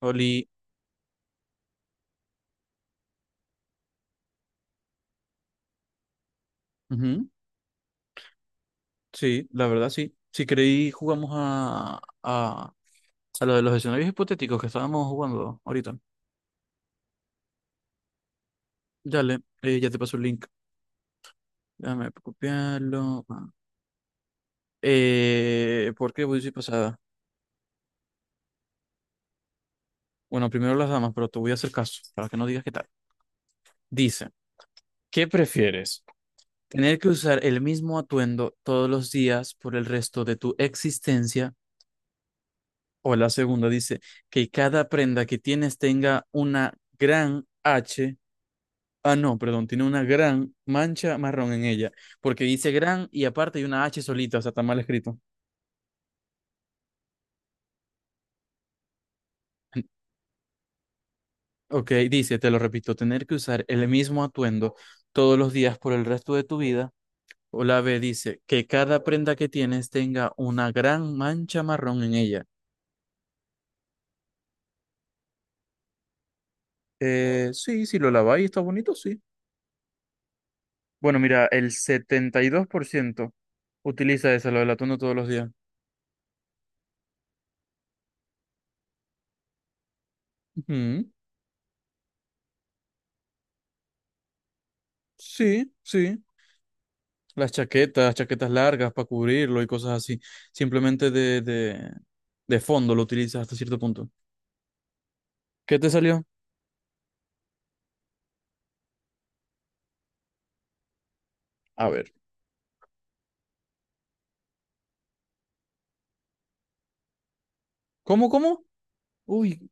Oli, ujú, sí, la verdad sí. Si creí, jugamos a lo de los escenarios hipotéticos que estábamos jugando ahorita. Dale, ya te paso el link. Déjame copiarlo. Ah. ¿Por qué voy a decir pasada? Bueno, primero las damas, pero te voy a hacer caso para que no digas qué tal. Dice, ¿qué prefieres? ¿Tener que usar el mismo atuendo todos los días por el resto de tu existencia? O la segunda dice, que cada prenda que tienes tenga una gran H. Ah, no, perdón, tiene una gran mancha marrón en ella, porque dice gran y aparte hay una H solita, o sea, está mal escrito. Ok, dice, te lo repito, tener que usar el mismo atuendo todos los días por el resto de tu vida. O la B dice, que cada prenda que tienes tenga una gran mancha marrón en ella. Sí, si lo laváis está bonito, sí. Bueno, mira, el 72% utiliza esa, lo del atuendo todos los días. Ujú, sí, sí. Las chaquetas, chaquetas largas para cubrirlo y cosas así. Simplemente de fondo lo utilizas hasta cierto punto. ¿Qué te salió? A ver. ¿Cómo, cómo? Uy.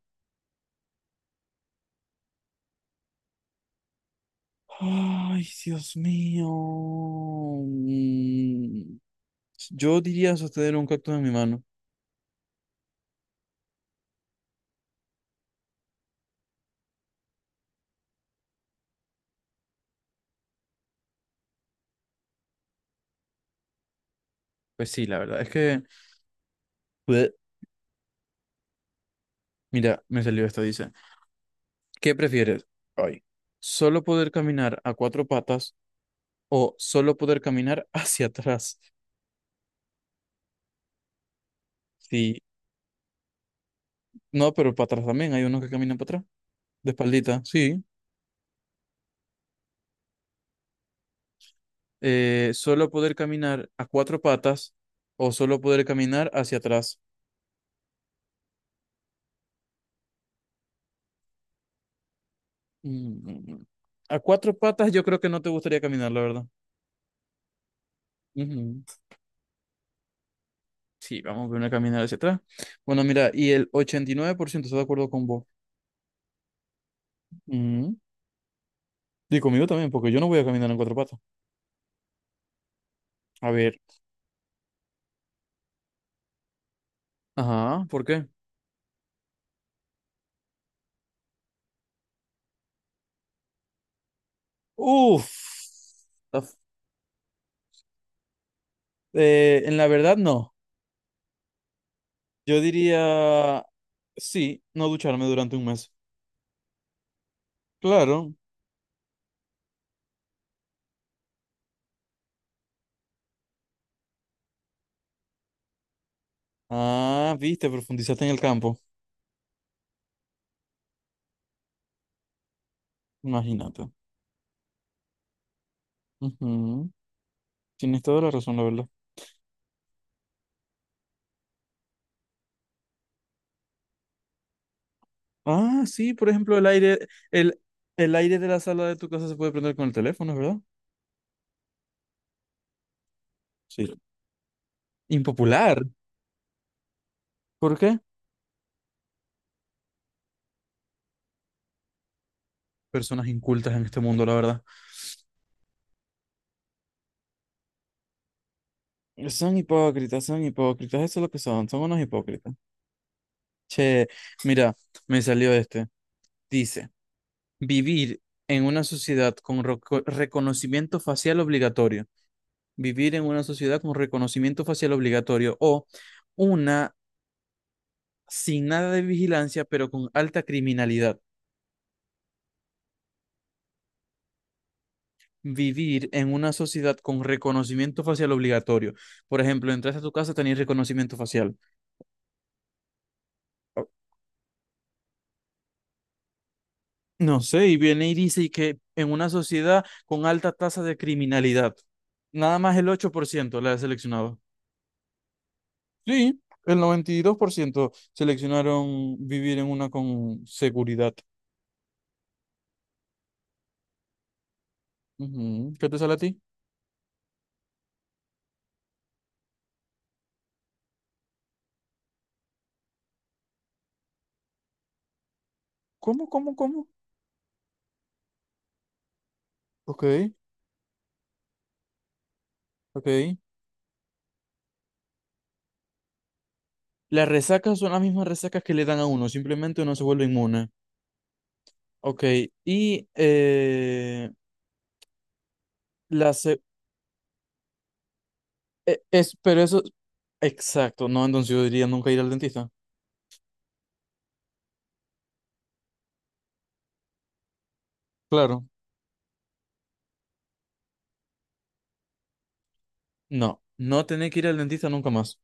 Ay, Dios mío. Mm, Yo diría sostener un cactus en mi mano. Pues sí, la verdad es que... Bleh. Mira, me salió esto, dice. ¿Qué prefieres? Ay. ¿Solo poder caminar a cuatro patas o solo poder caminar hacia atrás? Sí. No, pero para atrás también. Hay unos que caminan para atrás. De espaldita, sí. Solo poder caminar a cuatro patas o solo poder caminar hacia atrás. Mm, A cuatro patas yo creo que no te gustaría caminar, la verdad. Ujú. Sí, vamos a ver una caminar hacia atrás. Bueno, mira, y el 89% está de acuerdo con vos. Ujú. Y conmigo también, porque yo no voy a caminar en cuatro patas. A ver. Ajá, ¿por qué? Uf. Está f- en la verdad, no. Yo diría, sí, no ducharme durante un mes. Claro, Ah, viste, profundizaste en el campo. Imagínate. Ujú. Tienes toda la razón, la verdad. Ah, sí, por ejemplo, el aire, el, el aire de la sala de tu casa se puede prender con el teléfono, ¿verdad? Sí. Impopular. ¿Por qué? Personas incultas en este mundo, la verdad. Son hipócritas, eso es lo que son, son unos hipócritas. Che, mira, me salió este. Dice, vivir en una sociedad con reconocimiento facial obligatorio. Vivir en una sociedad con reconocimiento facial obligatorio o una sin nada de vigilancia pero con alta criminalidad. Vivir en una sociedad con reconocimiento facial obligatorio. Por ejemplo, entras a tu casa, tenés reconocimiento facial. No sé, y viene y dice que en una sociedad con alta tasa de criminalidad, nada más el 8% la he seleccionado. Sí, el 92% seleccionaron vivir en una con seguridad. Ujú. ¿Qué te sale a ti? ¿Cómo, cómo, cómo? Ok, ok. Las resacas son las mismas resacas que le dan a uno, simplemente uno se vuelve inmune. Ok, y la se- es, pero eso, exacto, no, entonces yo diría nunca ir al dentista. Claro. No, no tener que ir al dentista nunca más.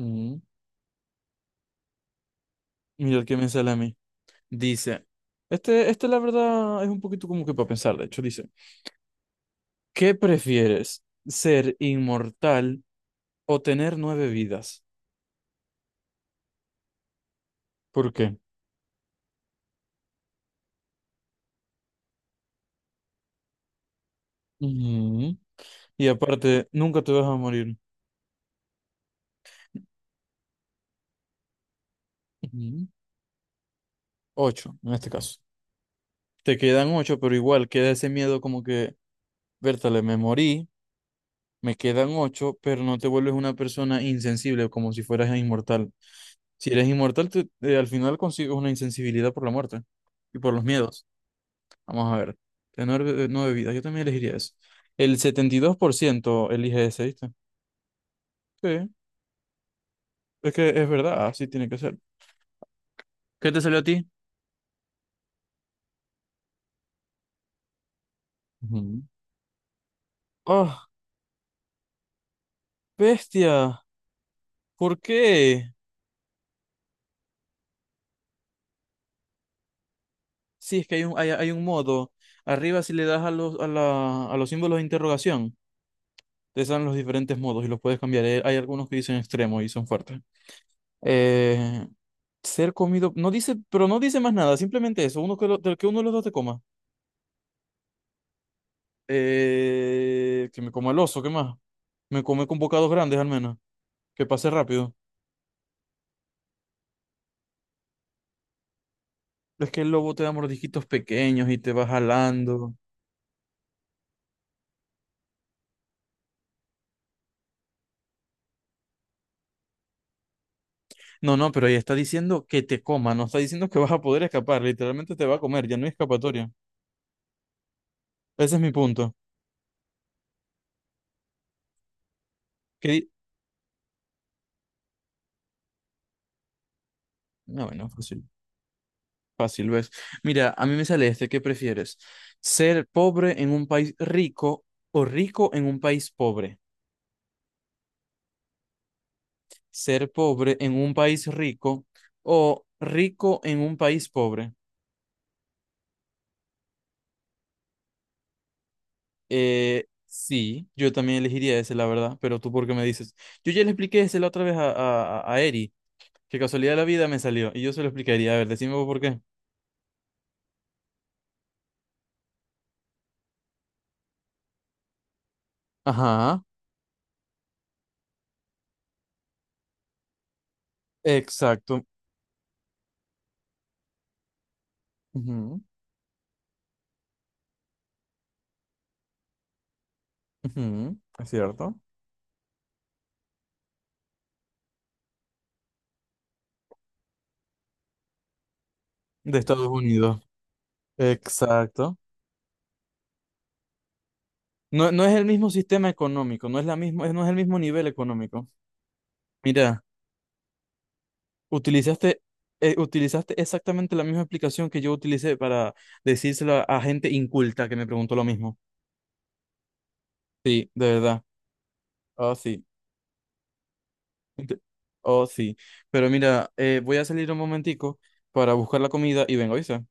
Mm, Mira el que me sale a mí. Dice, este la verdad es un poquito como que para pensar, de hecho, dice, ¿qué prefieres? ¿Ser inmortal o tener nueve vidas? ¿Por qué? Ujú. Y aparte, nunca te vas a morir. Ujú. Ocho, en este caso. Te quedan ocho, pero igual queda ese miedo como que, vértale me morí, me quedan ocho, pero no te vuelves una persona insensible, como si fueras inmortal. Si eres inmortal, al final consigues una insensibilidad por la muerte y por los miedos. Vamos a ver. Tener nueve vidas, yo también elegiría eso. El 72% elige ese, ¿viste? Sí, es que es verdad, así tiene que ser. ¿Qué te salió a ti? Ujú. ¡Oh, bestia! ¿Por qué? Sí, es que hay un modo. Arriba, si le das a los símbolos de interrogación, te salen los diferentes modos y los puedes cambiar. Hay algunos que dicen extremo y son fuertes. Eh, ser comido. No dice, pero no dice más nada, simplemente eso. Uno que, del que uno de los dos te coma. Que me coma el oso, ¿qué más? Me come con bocados grandes al menos. Que pase rápido. Es que el lobo te da mordisquitos pequeños y te va jalando. No, no, pero ahí está diciendo que te coma, no está diciendo que vas a poder escapar, literalmente te va a comer, ya no hay escapatoria. Ese es mi punto. ¿Qué di- No, bueno, fácil, fácil, ¿ves? Mira, a mí me sale este, ¿qué prefieres? ¿Ser pobre en un país rico o rico en un país pobre? ¿Ser pobre en un país rico o rico en un país pobre? Sí, yo también elegiría ese, la verdad, pero tú por qué me dices. Yo ya le expliqué ese la otra vez a Eri. Qué casualidad de la vida me salió. Y yo se lo explicaría. A ver, decime vos por qué. Ajá, exacto. Ujú, ujú, es cierto. De Estados Unidos. Exacto. No, no es el mismo sistema económico, no es la misma, no es el mismo nivel económico. Mira, utilizaste, utilizaste exactamente la misma explicación que yo utilicé para decírselo a, gente inculta que me preguntó lo mismo. Sí, de verdad. Oh, sí. Ent- Oh, sí. Pero mira, voy a salir un momentico para buscar la comida y vengo, ¿oíste?